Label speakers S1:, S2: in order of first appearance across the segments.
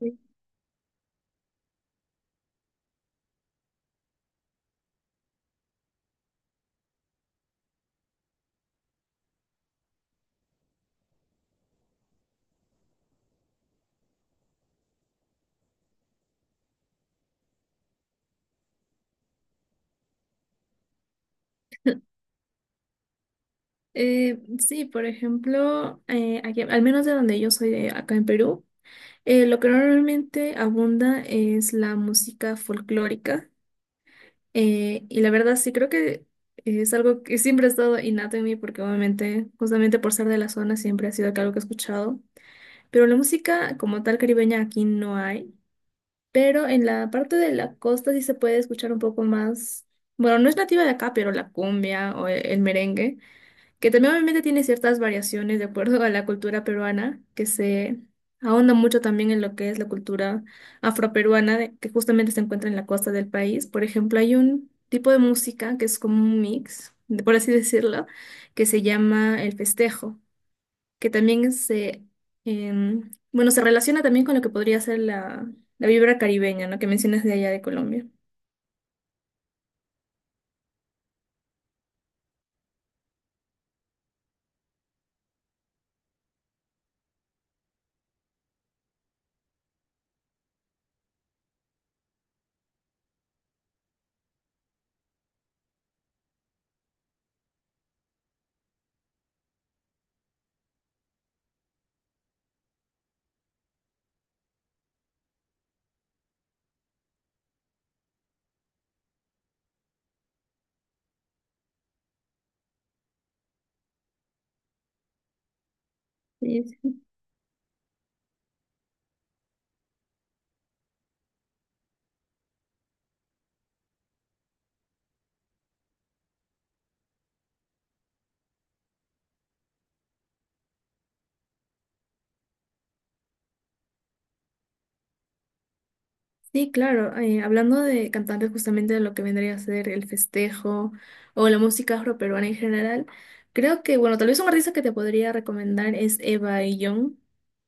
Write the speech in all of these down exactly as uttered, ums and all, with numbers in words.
S1: Sí. Eh, sí, por ejemplo, eh, aquí- al menos de donde yo soy, de acá en Perú, eh, lo que normalmente abunda es la música folclórica. Eh, y la verdad sí creo que es algo que siempre ha estado innato en mí porque obviamente, justamente por ser de la zona, siempre ha sido que algo que he escuchado. Pero la música como tal caribeña aquí no hay. Pero en la parte de la costa sí se puede escuchar un poco más. Bueno, no es nativa de acá, pero la cumbia o el el merengue, que también obviamente tiene ciertas variaciones de acuerdo a la cultura peruana, que se ahonda mucho también en lo que es la cultura afroperuana, de- que justamente se encuentra en la costa del país. Por ejemplo, hay un tipo de música que es como un mix, de- por así decirlo, que se llama el festejo, que también se, em, bueno, se relaciona también con lo que podría ser la, la vibra caribeña, ¿no? Que mencionas de allá de Colombia. Sí, claro. Eh, hablando de cantantes, justamente de lo que vendría a ser el festejo o la música afroperuana en general, creo que, bueno, tal vez un artista que te podría recomendar es Eva Young,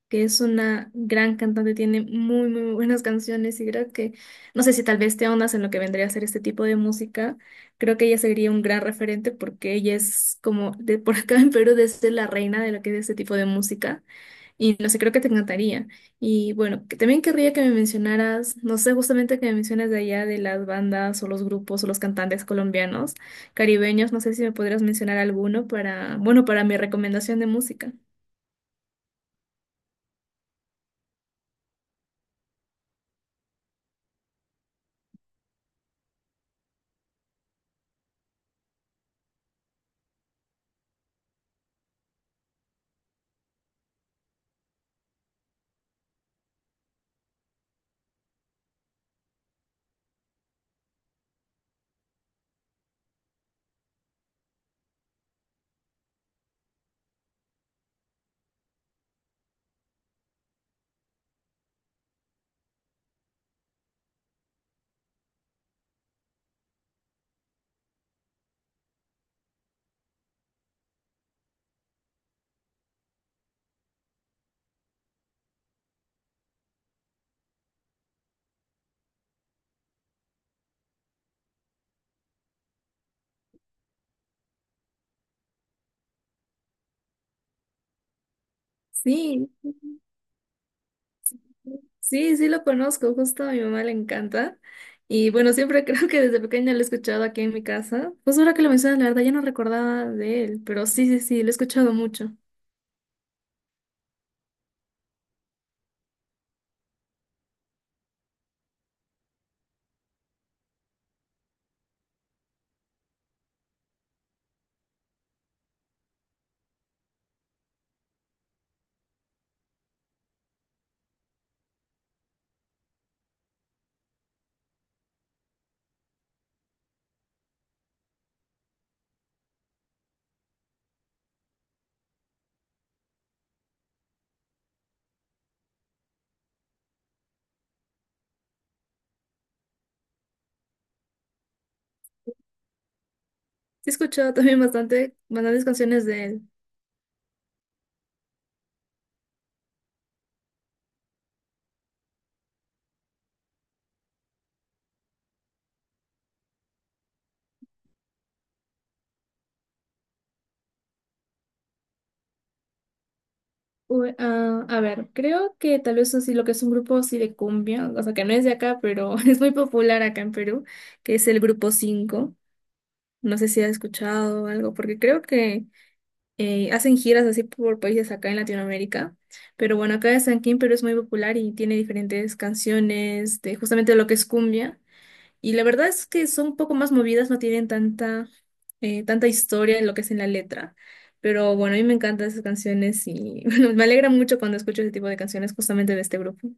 S1: que es una gran cantante, tiene muy, muy buenas canciones y creo que, no sé si tal vez te ahondas en lo que vendría a ser este tipo de música, creo que ella sería un gran referente porque ella es como, de por acá en Perú, desde la reina de lo que es este tipo de música. Y no sé, creo que te encantaría. Y bueno, que también querría que me mencionaras, no sé, justamente que me mencionas de allá de las bandas o los grupos o los cantantes colombianos, caribeños, no sé si me podrías mencionar alguno para, bueno, para mi recomendación de música. Sí, sí, sí lo conozco, justo a mi mamá le encanta. Y bueno, siempre creo que desde pequeña lo he escuchado aquí en mi casa. Pues ahora que lo mencionas, la verdad ya no recordaba de él, pero sí, sí, sí, lo he escuchado mucho. Sí, he escuchado también bastante, bastantes canciones de él. Uy, ah, a ver, creo que tal vez así lo que es un grupo así de cumbia, o sea que no es de acá, pero es muy popular acá en Perú, que es el grupo cinco. No sé si has escuchado algo, porque creo que eh, hacen giras así por países acá en Latinoamérica. Pero bueno, acá es aquí en San Perú es muy popular y tiene diferentes canciones de justamente lo que es cumbia. Y la verdad es que son un poco más movidas, no tienen tanta, eh, tanta historia en lo que es en la letra. Pero bueno, a mí me encantan esas canciones y bueno, me alegra mucho cuando escucho ese tipo de canciones justamente de este grupo.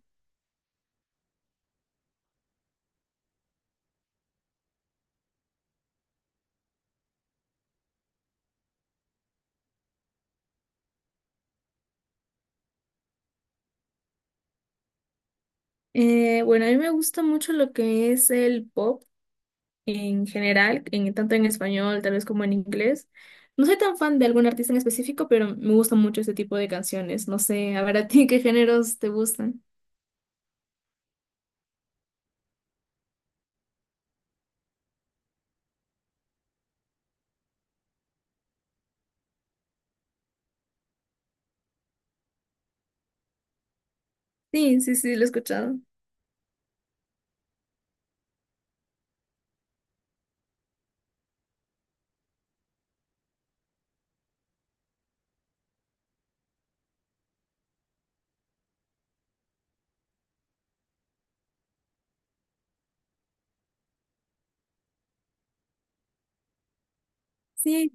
S1: Eh, bueno, a mí me gusta mucho lo que es el pop en general, en, tanto en español, tal vez como en inglés. No soy tan fan de algún artista en específico, pero me gusta mucho este tipo de canciones. No sé, a ver a ti qué géneros te gustan. Sí, sí, sí, lo he escuchado. Sí.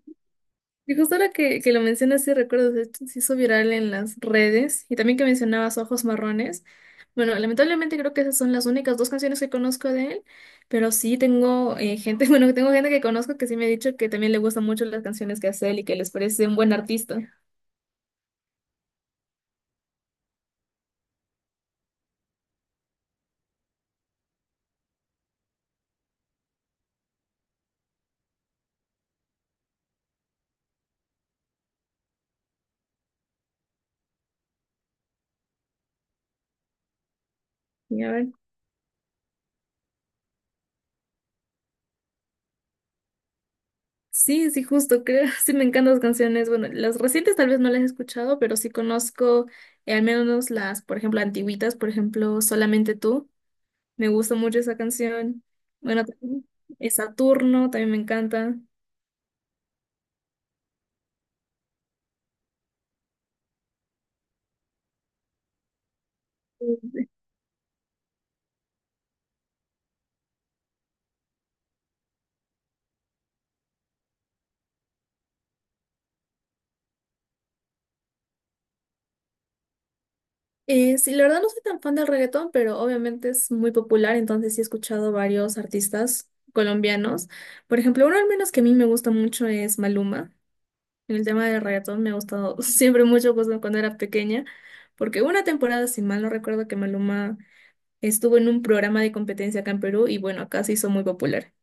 S1: Y justo ahora que, que lo mencionas, sí recuerdo, de hecho, se hizo viral en las redes y también que mencionabas Ojos Marrones. Bueno, lamentablemente creo que esas son las únicas dos canciones que conozco de él, pero sí tengo eh, gente, bueno, tengo gente que conozco que sí me ha dicho que también le gustan mucho las canciones que hace él y que les parece un buen artista. Y a ver. Sí, sí, justo, creo, sí me encantan las canciones. Bueno, las recientes tal vez no las he escuchado, pero sí conozco eh, al menos las, por ejemplo, antiguitas, por ejemplo, Solamente tú. Me gusta mucho esa canción. Bueno, también es Saturno, también me encanta. Eh, sí, la verdad no soy tan fan del reggaetón, pero obviamente es muy popular, entonces sí he escuchado varios artistas colombianos. Por ejemplo, uno al menos que a mí me gusta mucho es Maluma. En el tema del reggaetón me ha gustado siempre mucho pues, ¿no? Cuando era pequeña, porque hubo una temporada, si mal no recuerdo, que Maluma estuvo en un programa de competencia acá en Perú y bueno, acá se hizo muy popular.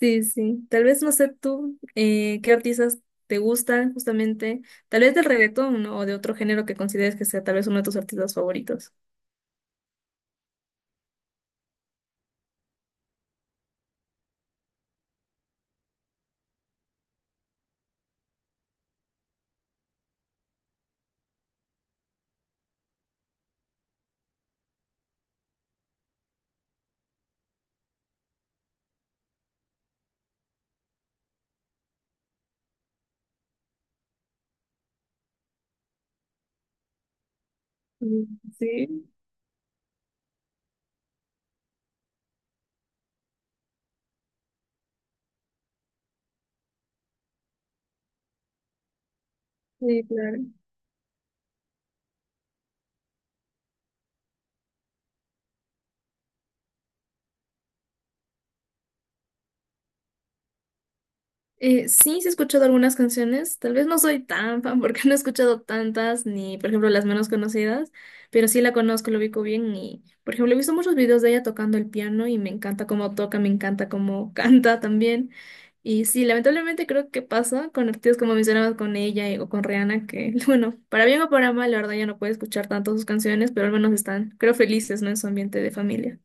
S1: Sí, sí. Tal vez no sé tú eh, qué artistas te gustan justamente, tal vez del reggaetón, ¿no? O de otro género que consideres que sea tal vez uno de tus artistas favoritos. Mm. Sí, sí, claro. Eh, sí, sí he escuchado algunas canciones, tal vez no soy tan fan porque no he escuchado tantas, ni por ejemplo las menos conocidas, pero sí la conozco, lo ubico bien y por ejemplo he visto muchos videos de ella tocando el piano y me encanta cómo toca, me encanta cómo canta también. Y sí, lamentablemente creo que pasa con artistas como mencionabas con ella y- o con Rihanna, que bueno, para bien o para mal, la verdad ya no puedo escuchar tanto sus canciones, pero al menos están, creo, felices, ¿no? En su ambiente de familia.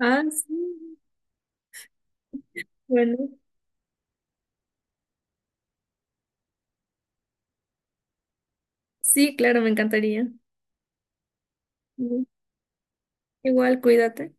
S1: Ah, sí. Bueno, sí, claro, me encantaría. Ujú. Igual, cuídate.